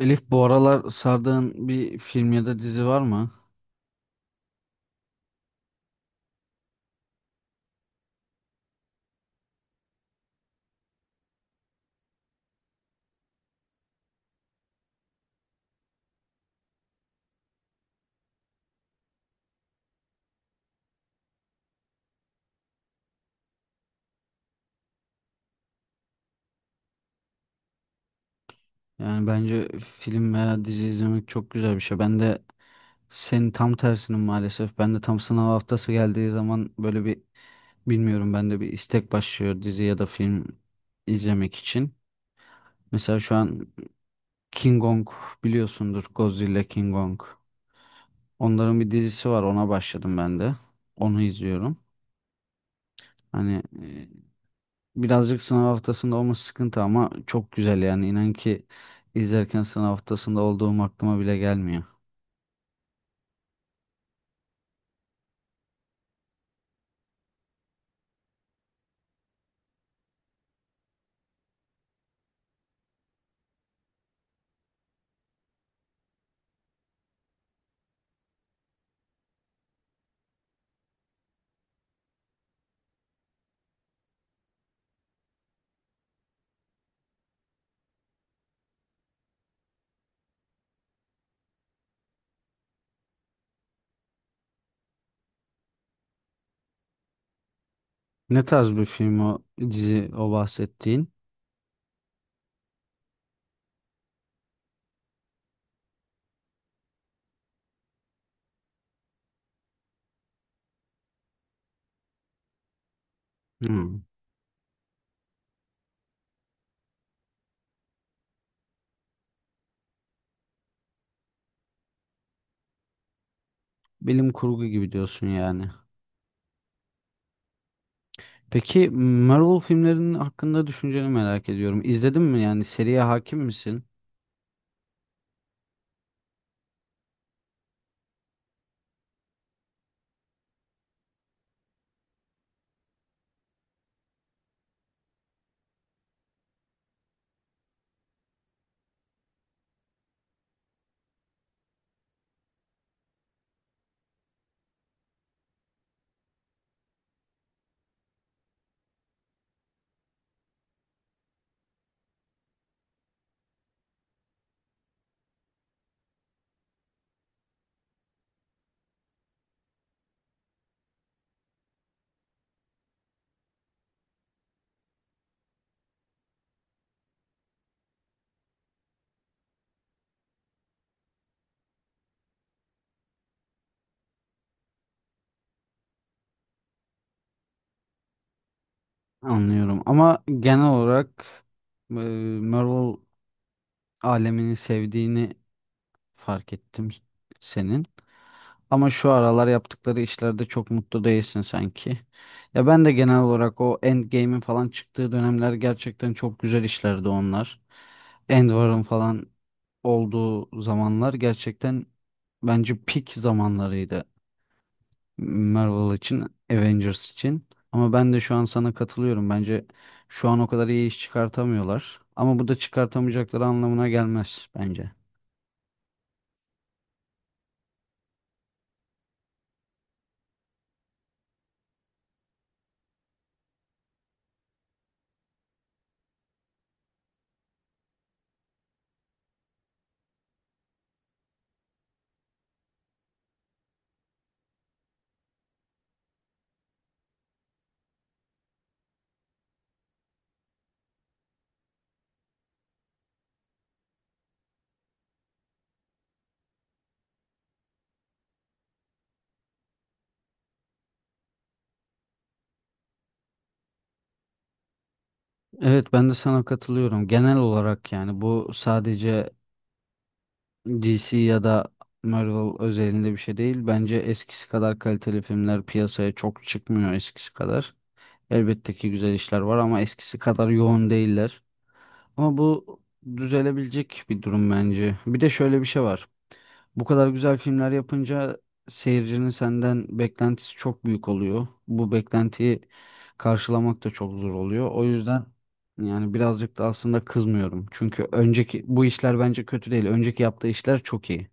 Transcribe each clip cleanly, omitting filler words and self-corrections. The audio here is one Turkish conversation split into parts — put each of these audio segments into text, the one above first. Elif, bu aralar sardığın bir film ya da dizi var mı? Yani bence film veya dizi izlemek çok güzel bir şey. Ben de senin tam tersinim maalesef. Ben de tam sınav haftası geldiği zaman böyle bir bilmiyorum, ben de bir istek başlıyor dizi ya da film izlemek için. Mesela şu an King Kong biliyorsundur, Godzilla, King Kong. Onların bir dizisi var, ona başladım ben de. Onu izliyorum. Hani e, Birazcık sınav haftasında olması sıkıntı ama çok güzel, yani inan ki izlerken sınav haftasında olduğum aklıma bile gelmiyor. Ne tarz bir film o dizi, o bahsettiğin? Hmm. Bilim kurgu gibi diyorsun yani. Peki Marvel filmlerinin hakkında düşünceni merak ediyorum. İzledin mi, yani seriye hakim misin? Anlıyorum ama genel olarak e, Marvel alemini sevdiğini fark ettim senin. Ama şu aralar yaptıkları işlerde çok mutlu değilsin sanki. Ya ben de genel olarak o Endgame'in falan çıktığı dönemler gerçekten çok güzel işlerdi onlar. Endvar'ın falan olduğu zamanlar gerçekten bence peak zamanlarıydı, Marvel için, Avengers için. Ama ben de şu an sana katılıyorum. Bence şu an o kadar iyi iş çıkartamıyorlar. Ama bu da çıkartamayacakları anlamına gelmez bence. Evet, ben de sana katılıyorum. Genel olarak yani bu sadece DC ya da Marvel özelinde bir şey değil. Bence eskisi kadar kaliteli filmler piyasaya çok çıkmıyor, eskisi kadar. Elbette ki güzel işler var ama eskisi kadar yoğun değiller. Ama bu düzelebilecek bir durum bence. Bir de şöyle bir şey var. Bu kadar güzel filmler yapınca seyircinin senden beklentisi çok büyük oluyor. Bu beklentiyi karşılamak da çok zor oluyor. O yüzden yani birazcık da aslında kızmıyorum. Çünkü önceki bu işler bence kötü değil. Önceki yaptığı işler çok iyi.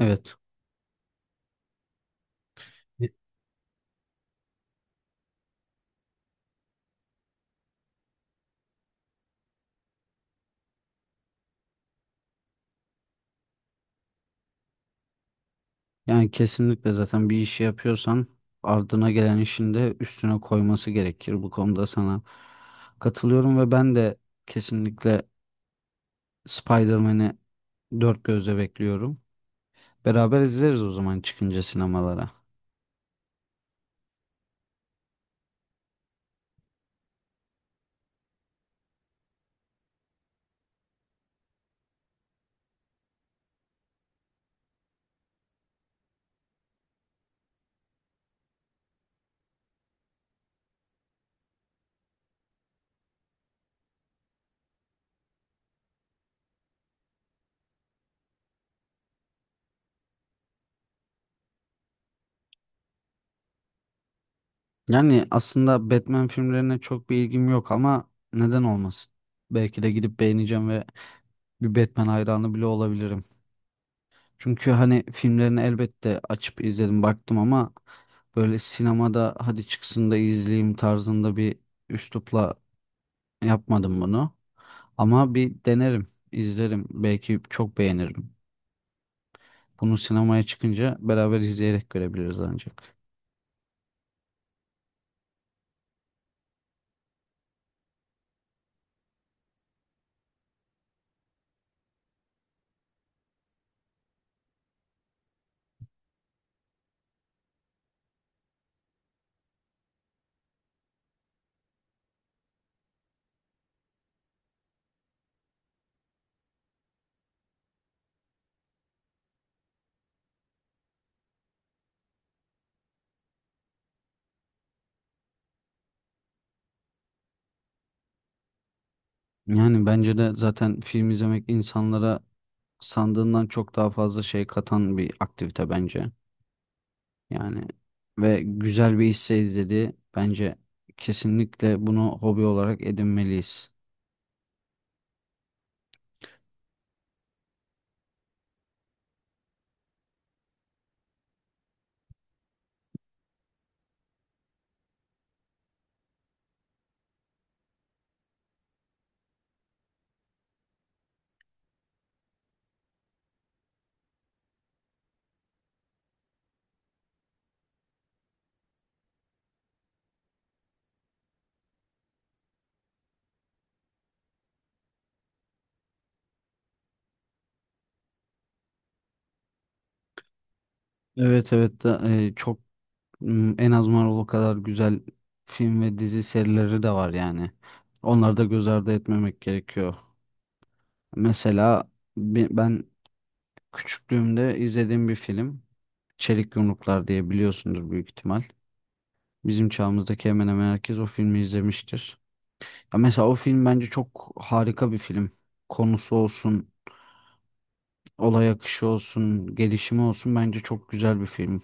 Evet. Yani kesinlikle zaten bir işi yapıyorsan ardına gelen işin de üstüne koyması gerekir. Bu konuda sana katılıyorum ve ben de kesinlikle Spider-Man'i dört gözle bekliyorum. Beraber izleriz o zaman çıkınca sinemalara. Yani aslında Batman filmlerine çok bir ilgim yok ama neden olmasın? Belki de gidip beğeneceğim ve bir Batman hayranı bile olabilirim. Çünkü hani filmlerini elbette açıp izledim, baktım ama böyle sinemada hadi çıksın da izleyeyim tarzında bir üslupla yapmadım bunu. Ama bir denerim, izlerim. Belki çok beğenirim. Bunu sinemaya çıkınca beraber izleyerek görebiliriz ancak. Yani bence de zaten film izlemek insanlara sandığından çok daha fazla şey katan bir aktivite bence. Yani ve güzel bir hisse izledi. Bence kesinlikle bunu hobi olarak edinmeliyiz. Evet, evet da, çok en az Marvel kadar güzel film ve dizi serileri de var yani. Onları da göz ardı etmemek gerekiyor. Mesela ben küçüklüğümde izlediğim bir film, Çelik Yumruklar, diye biliyorsundur büyük ihtimal. Bizim çağımızdaki hemen hemen herkes o filmi izlemiştir. Ya mesela o film bence çok harika bir film. Konusu olsun, olay akışı olsun, gelişimi olsun bence çok güzel bir film.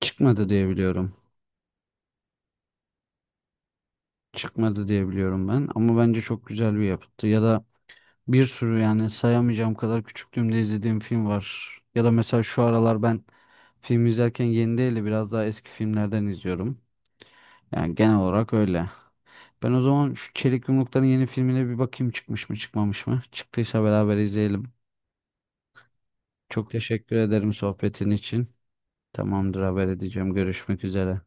Çıkmadı diye biliyorum. Çıkmadı diye biliyorum ben ama bence çok güzel bir yapıttı. Ya da bir sürü, yani sayamayacağım kadar küçüklüğümde izlediğim film var. Ya da mesela şu aralar ben film izlerken yeni değil de biraz daha eski filmlerden izliyorum. Yani genel olarak öyle. Ben o zaman şu Çelik Yumrukların yeni filmine bir bakayım, çıkmış mı çıkmamış mı? Çıktıysa beraber izleyelim. Çok teşekkür ederim sohbetin için. Tamamdır, haber edeceğim. Görüşmek üzere.